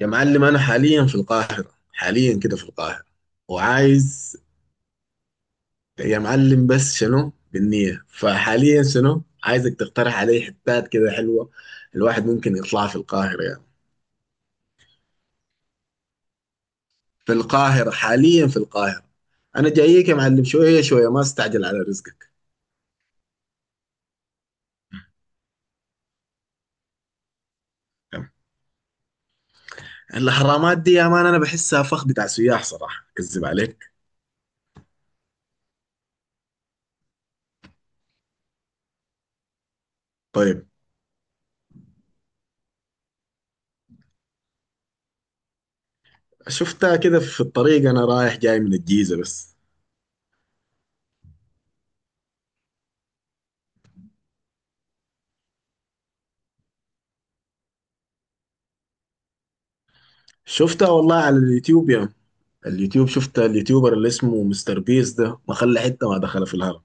يا معلم، انا حاليا في القاهره، حاليا كده في القاهره وعايز. يا معلم بس شنو بالنية؟ فحاليا شنو عايزك تقترح علي حتات كده حلوه الواحد ممكن يطلعها في القاهره يعني. في القاهره. انا جايك يا معلم، شويه شويه، ما استعجل على رزقك. تمام. الحرامات دي يا مان انا بحسها فخ بتاع سياح، صراحه كذب عليك. طيب. شفتها كده في الطريق، انا رايح جاي من الجيزه بس. شفتها والله على اليوتيوب يا مان. اليوتيوب، شفت اليوتيوبر اللي اسمه مستر بيس ده ما خلى حته ما دخل في الهرم.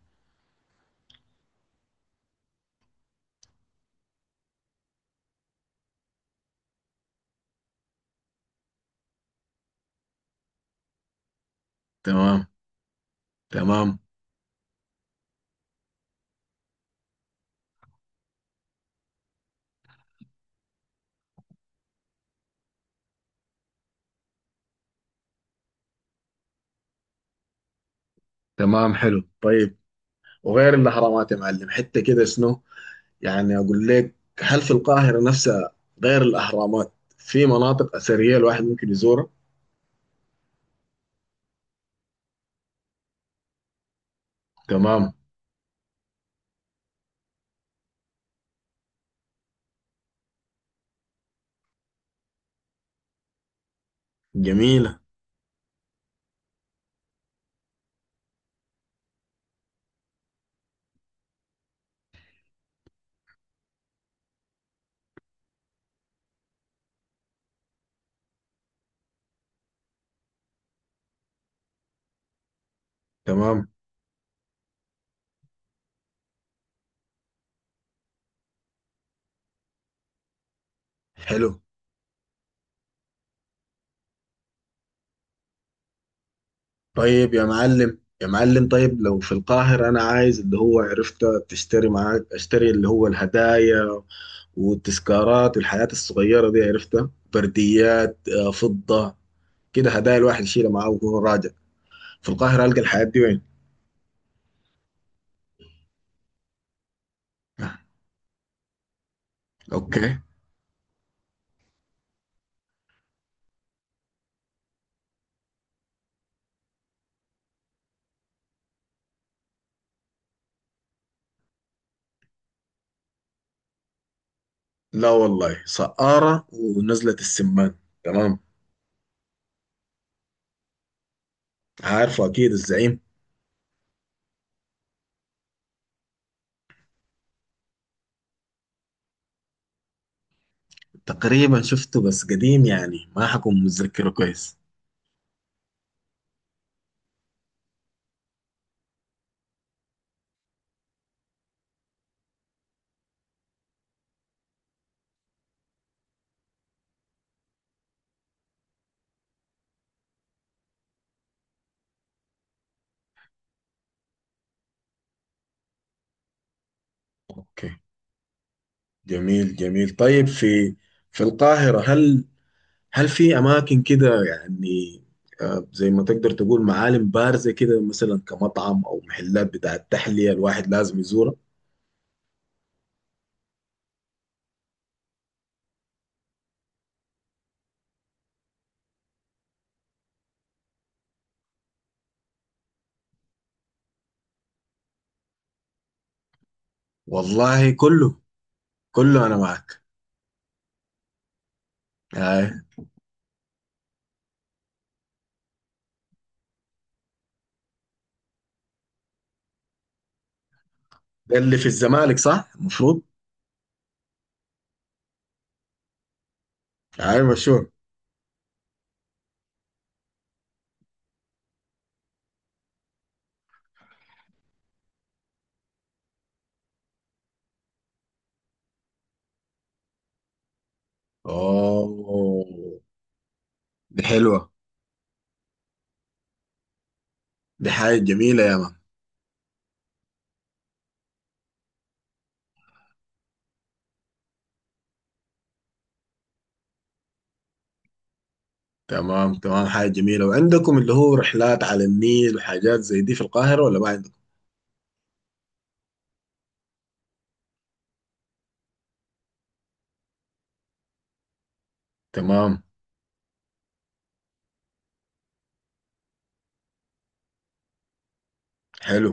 تمام. تمام. تمام، حلو. طيب، وغير الاهرامات يا معلم حته كده شنو، يعني اقول لك، هل في القاهره نفسها غير الاهرامات في مناطق اثريه الواحد ممكن يزورها؟ تمام، جميله. تمام، حلو. طيب يا معلم، يا معلم، طيب لو في القاهره انا عايز اللي هو، عرفت تشتري معاك، اشتري اللي هو الهدايا والتذكارات والحاجات الصغيرة دي، عرفتها، برديات، فضة، كده هدايا الواحد يشيلها معاه وهو راجع. في القاهرة ألقى الحاجات دي وين؟ اوكي. لا والله، سقارة ونزلة السمان. تمام. عارفه أكيد، الزعيم. تقريبا شفته بس قديم يعني، ما حكون متذكره كويس. اوكي، جميل جميل. طيب، في القاهرة هل في اماكن كده يعني، زي ما تقدر تقول معالم بارزة كده، مثلا كمطعم او محلات بتاع التحلية الواحد لازم يزورها؟ والله كله، كله انا معك. آه، ده اللي في الزمالك صح المفروض؟ اي، مشهور. اوه، دي حلوة. دي حاجة جميلة يا مان. تمام، تمام، حاجة جميلة. وعندكم اللي هو رحلات على النيل وحاجات زي دي في القاهرة ولا ما عندكم؟ تمام. حلو.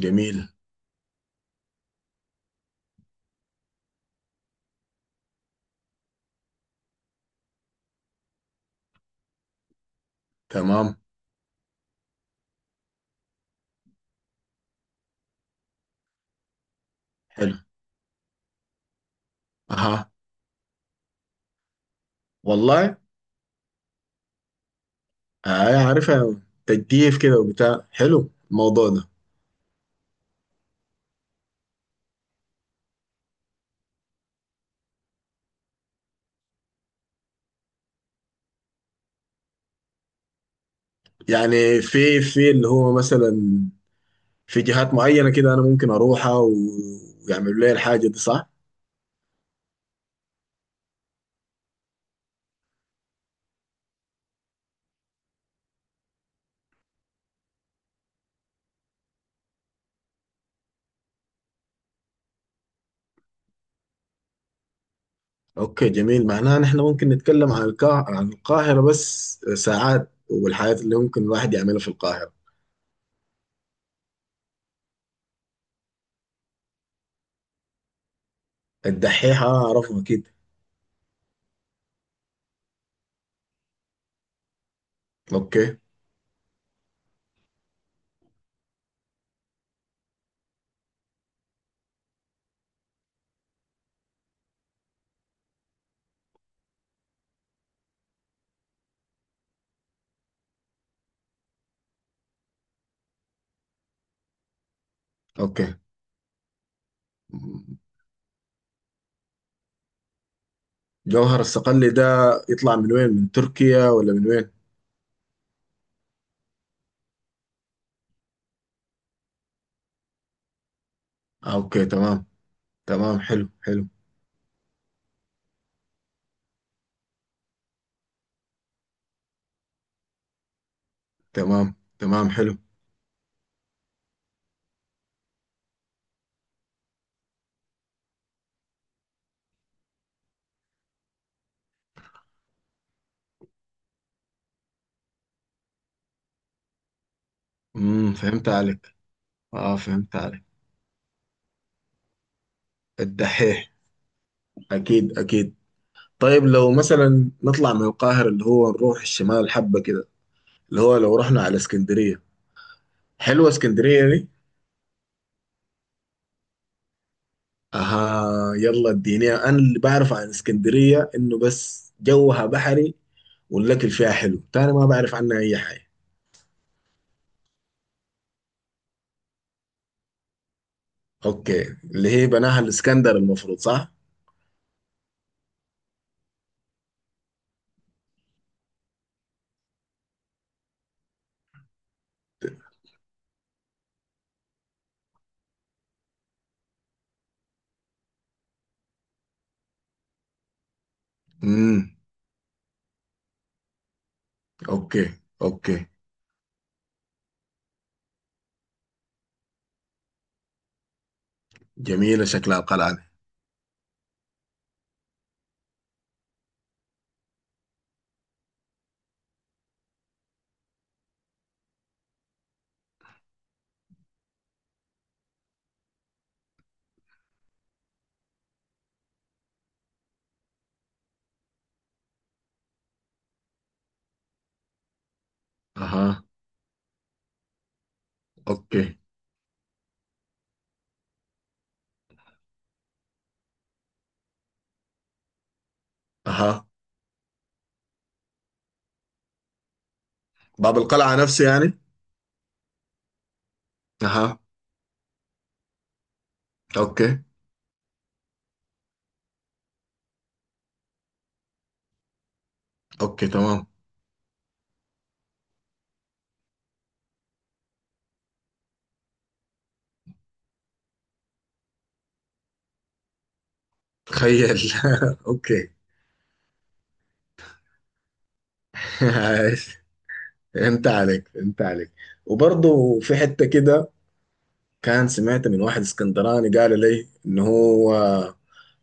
جميل. تمام. حلو. اها. والله. آه، عارفها، تجديف كده وبتاع، حلو الموضوع ده. يعني في اللي هو مثلا في جهات معينة كده أنا ممكن أروحها ويعملوا لي الحاجة دي صح؟ أوكي، جميل. معناها نحن ممكن نتكلم عن القاهرة، بس ساعات، والحاجات اللي ممكن الواحد يعملها في القاهرة. الدحيحة أعرفه أكيد. أوكي. أوكي. جوهر الصقلي ده يطلع من وين؟ من تركيا ولا من وين؟ آه، أوكي، تمام. تمام، حلو حلو. تمام، تمام، حلو. فهمت عليك. اه، فهمت عليك. الدحيح. اكيد اكيد. طيب لو مثلا نطلع من القاهرة، اللي هو نروح الشمال حبة كده، اللي هو لو رحنا على اسكندرية. حلوة اسكندرية دي. اها، يلا اديني، انا اللي بعرف عن اسكندرية انه بس جوها بحري والاكل فيها حلو، تاني ما بعرف عنها اي حاجة. اوكي، اللي هي بناها الاسكندر المفروض صح؟ امم. اوكي اوكي. جميلة شكلها القلعة دي. اها. اوكي. اها. باب القلعة نفسه يعني. اها. اوكي. اوكي، تمام. تخيل. اوكي. عايش. فهمت عليك، فهمت عليك. وبرضه في حتة كده كان، سمعت من واحد اسكندراني قال لي ان هو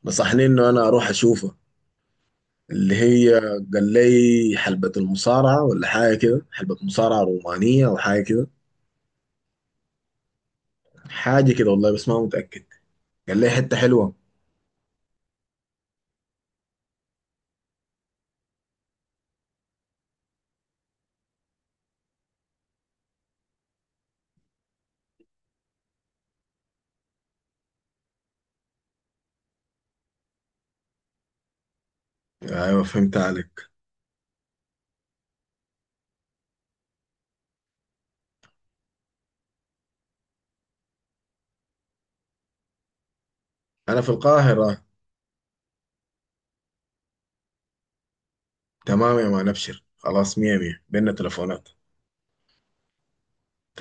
نصحني انه انا اروح اشوفه، اللي هي، قال لي حلبة المصارعة ولا حاجة كده، حلبة مصارعة رومانية او حاجة كده. حاجة كده والله، بس ما متأكد. قال لي حتة حلوة. ايوه، فهمت عليك. انا في القاهرة. تمام يا مان، ابشر خلاص، مية مية، بينا تلفونات.